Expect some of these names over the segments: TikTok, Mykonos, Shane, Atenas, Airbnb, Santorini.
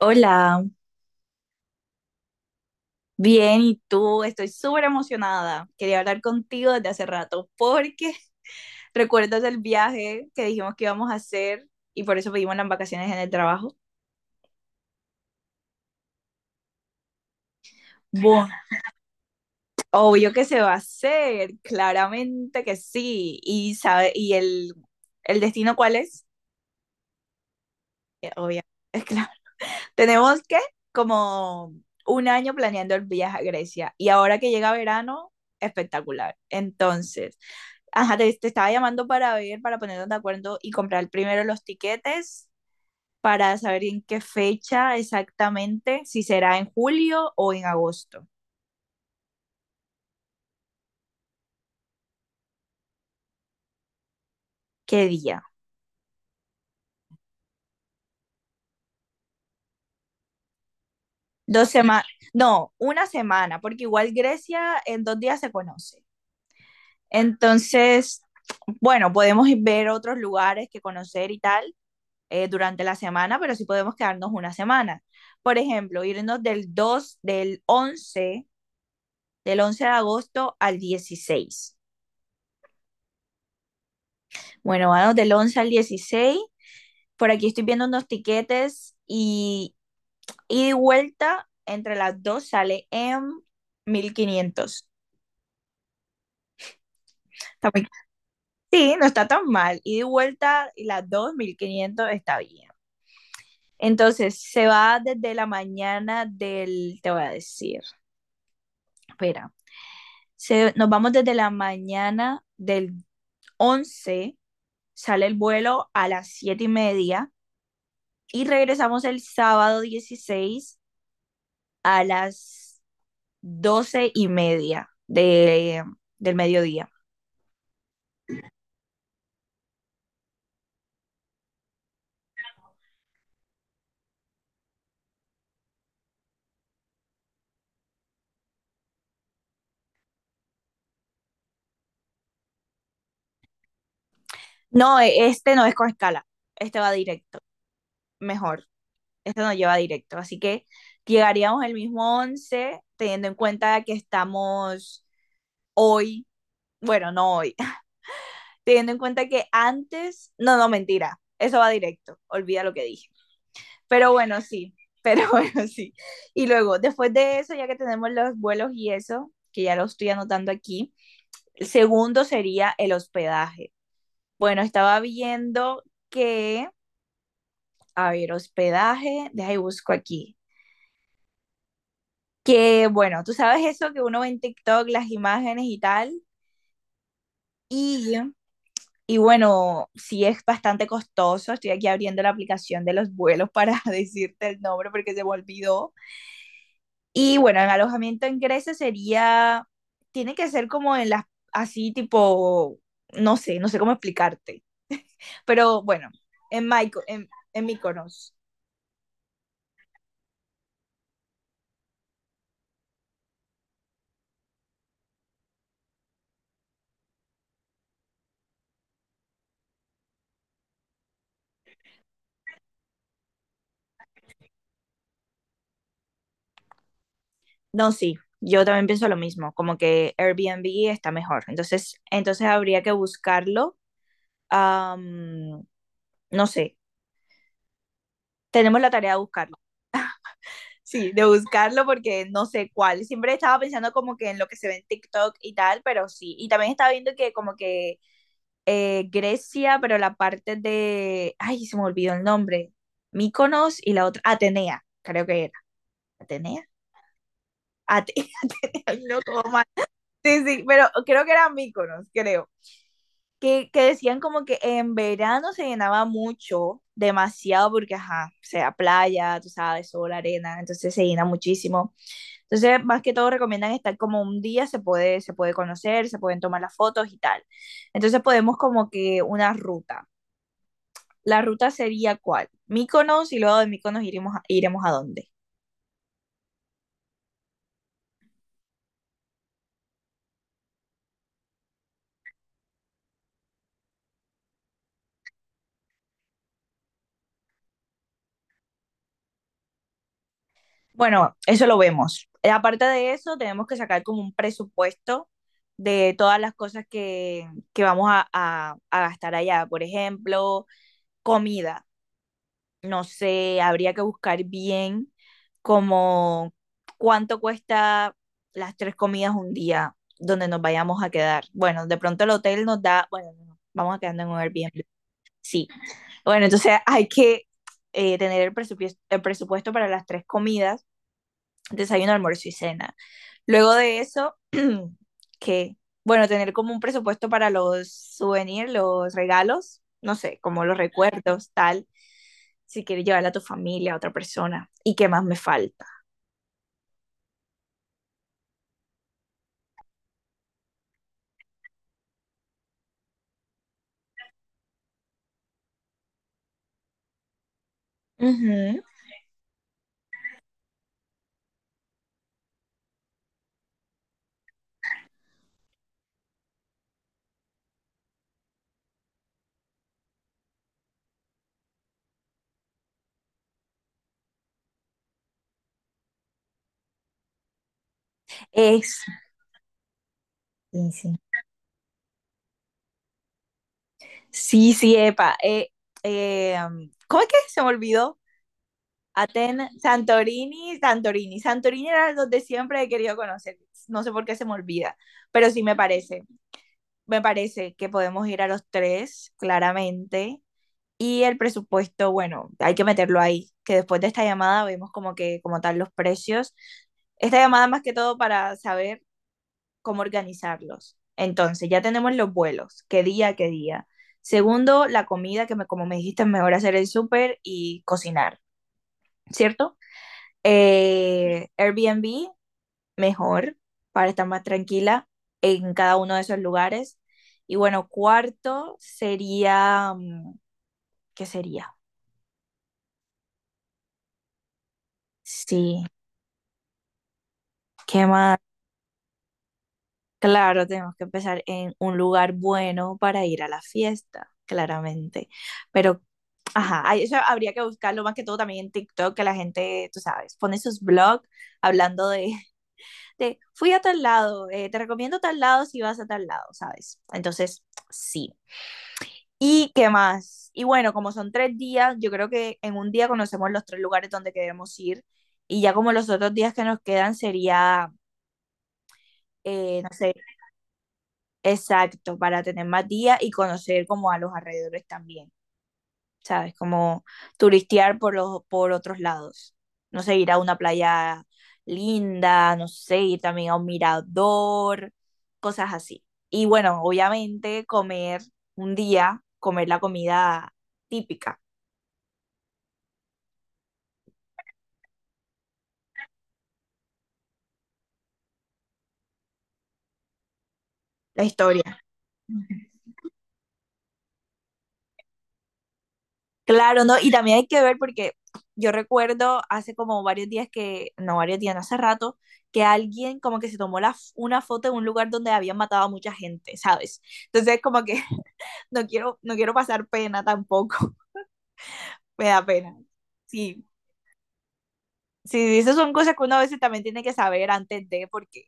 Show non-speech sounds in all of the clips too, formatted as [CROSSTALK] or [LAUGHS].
Hola, bien, ¿y tú? Estoy súper emocionada. Quería hablar contigo desde hace rato porque [LAUGHS] recuerdas el viaje que dijimos que íbamos a hacer y por eso pedimos las vacaciones en el trabajo. Bueno, obvio que se va a hacer, claramente que sí. ¿Y el destino cuál es? Obvio. [LAUGHS] Tenemos que, como, un año planeando el viaje a Grecia, y ahora que llega verano, espectacular. Entonces, ajá, te estaba llamando para ver, para ponernos de acuerdo y comprar primero los tiquetes para saber en qué fecha exactamente, si será en julio o en agosto. ¿Qué día? Dos semanas, no, una semana, porque igual Grecia en 2 días se conoce. Entonces, bueno, podemos ir ver otros lugares que conocer y tal, durante la semana, pero sí podemos quedarnos una semana. Por ejemplo, irnos del 11 de agosto al 16. Bueno, vamos del 11 al 16. Por aquí estoy viendo unos tiquetes y de vuelta entre las dos sale en 1500. Sí, no está tan mal. Y de vuelta y las dos, 1500 está bien. Entonces, se va desde la mañana del, te voy a decir, espera, nos vamos desde la mañana del 11, sale el vuelo a las 7:30, y regresamos el sábado 16 a las 12:30 del mediodía. No, este no es con escala, este va directo, mejor, este nos lleva directo, así que llegaríamos el mismo 11, teniendo en cuenta que estamos hoy, bueno, no hoy, teniendo en cuenta que antes, no, no, mentira, eso va directo, olvida lo que dije. Pero bueno, sí, [LAUGHS] pero bueno, sí. Y luego, después de eso, ya que tenemos los vuelos y eso, que ya lo estoy anotando aquí, el segundo sería el hospedaje. Bueno, estaba viendo que, a ver, hospedaje, deja y busco aquí. Que bueno, tú sabes eso que uno ve en TikTok, las imágenes y tal. Y Y bueno, sí, es bastante costoso. Estoy aquí abriendo la aplicación de los vuelos para [LAUGHS] decirte el nombre porque se me olvidó. Y bueno, en alojamiento en Grecia sería, tiene que ser como en las, así tipo, no sé, no sé cómo explicarte. Pero bueno, en Mykonos. No, sí, yo también pienso lo mismo, como que Airbnb está mejor. Entonces habría que buscarlo. am, no sé, tenemos la tarea de buscarlo. Sí, de buscarlo porque no sé cuál. Siempre estaba pensando como que en lo que se ve en TikTok y tal, pero sí. Y también estaba viendo que como que Grecia, pero la parte de... Ay, se me olvidó el nombre. Míconos y la otra... Atenea, creo que era. Atenea. Ate- [LAUGHS] Ay, no, todo mal. Sí, sí, pero creo que era Míconos, creo. Que decían como que en verano se llenaba mucho, demasiado, porque, ajá, o sea, playa, tú sabes, sol, arena, entonces se llena muchísimo. Entonces, más que todo recomiendan estar como un día, se puede conocer, se pueden tomar las fotos y tal. Entonces podemos como que una ruta. ¿La ruta sería cuál? Mykonos, y luego de Mykonos iremos a dónde. Bueno, eso lo vemos. Aparte de eso, tenemos que sacar como un presupuesto de todas las cosas que vamos a gastar allá. Por ejemplo, comida. No sé, habría que buscar bien como cuánto cuesta las tres comidas un día donde nos vayamos a quedar. Bueno, de pronto el hotel nos da, bueno, no, vamos a quedarnos en un Airbnb. Sí. Bueno, entonces [LAUGHS] hay que tener el presupuesto para las tres comidas, desayuno, almuerzo y cena. Luego de eso, [CLEARS THROAT] que, bueno, tener como un presupuesto para los souvenirs, los regalos, no sé, como los recuerdos, tal, si quieres llevarla a tu familia, a otra persona, y qué más me falta. Ujú. Es, sí, sí, sí, sí, epa, ¿cómo es que se me olvidó? Atenas, Santorini era donde siempre he querido conocer, no sé por qué se me olvida, pero sí me parece que podemos ir a los tres, claramente. Y el presupuesto, bueno, hay que meterlo ahí, que después de esta llamada vemos como que, como tal, los precios. Esta llamada más que todo para saber cómo organizarlos. Entonces, ya tenemos los vuelos, qué día, qué día. Segundo, la comida, como me dijiste, es mejor hacer el súper y cocinar, ¿cierto? Airbnb, mejor, para estar más tranquila en cada uno de esos lugares. Y bueno, cuarto sería, ¿qué sería? Sí, ¿qué más? Claro, tenemos que empezar en un lugar bueno para ir a la fiesta, claramente. Pero, ajá, ahí eso habría que buscarlo más que todo también en TikTok, que la gente, tú sabes, pone sus blogs hablando de, [LAUGHS] de fui a tal lado, te recomiendo tal lado si vas a tal lado, ¿sabes? Entonces, sí. ¿Y qué más? Y bueno, como son 3 días, yo creo que en un día conocemos los tres lugares donde queremos ir, y ya como los otros días que nos quedan sería, no sé. Exacto, para tener más días y conocer como a los alrededores también, ¿sabes? Como turistear por otros lados. No sé, ir a una playa linda, no sé, ir también a un mirador, cosas así. Y bueno, obviamente comer un día, comer la comida típica, la historia. Claro, ¿no? Y también hay que ver porque yo recuerdo hace como varios días que, no varios días, no, hace rato, que alguien como que se tomó una foto en un lugar donde habían matado a mucha gente, ¿sabes? Entonces como que [LAUGHS] no quiero pasar pena tampoco, [LAUGHS] me da pena. Sí, sí, esas son cosas que uno a veces también tiene que saber antes de, porque,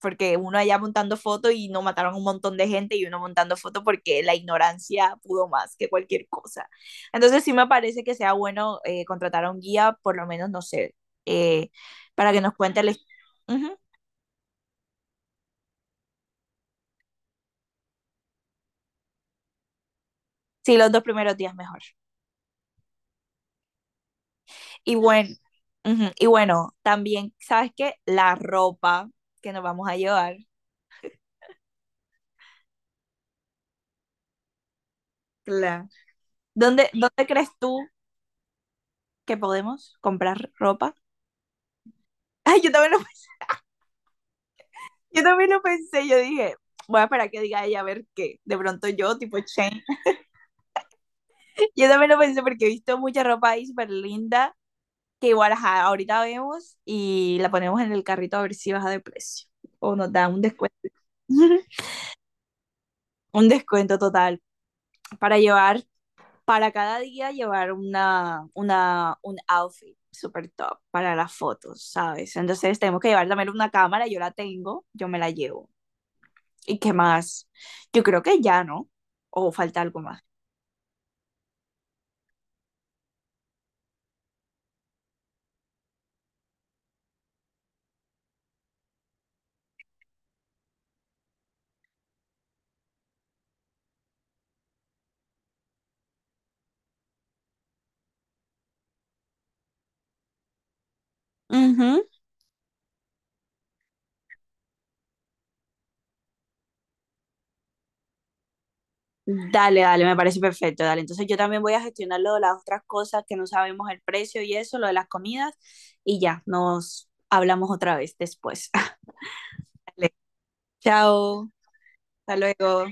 porque uno allá montando fotos y no, mataron un montón de gente y uno montando fotos porque la ignorancia pudo más que cualquier cosa. Entonces sí me parece que sea bueno, contratar a un guía, por lo menos, no sé, eh, para que nos cuente. Sí, los dos primeros días mejor. Y bueno, ujú. Y bueno, también, ¿sabes qué? La ropa que nos vamos a llevar. Claro. ¿Dónde crees tú que podemos comprar ropa? [LAUGHS] Ay, yo también lo pensé, yo dije, voy a esperar que diga ella a ver qué. De pronto yo, tipo Shane. Yo también lo pensé porque he visto mucha ropa ahí súper linda que igual, ajá, ahorita vemos y la ponemos en el carrito a ver si baja de precio o nos da un descuento. [LAUGHS] Un descuento total para llevar, para cada día llevar un outfit super top para las fotos, ¿sabes? Entonces tenemos que llevar también una cámara, yo la tengo, yo me la llevo. ¿Y qué más? Yo creo que ya, ¿no? O falta algo más. Ujú. Dale, dale, me parece perfecto. Dale, entonces yo también voy a gestionar lo de las otras cosas que no sabemos el precio y eso, lo de las comidas, y ya, nos hablamos otra vez después. [LAUGHS] Dale. Chao, hasta luego.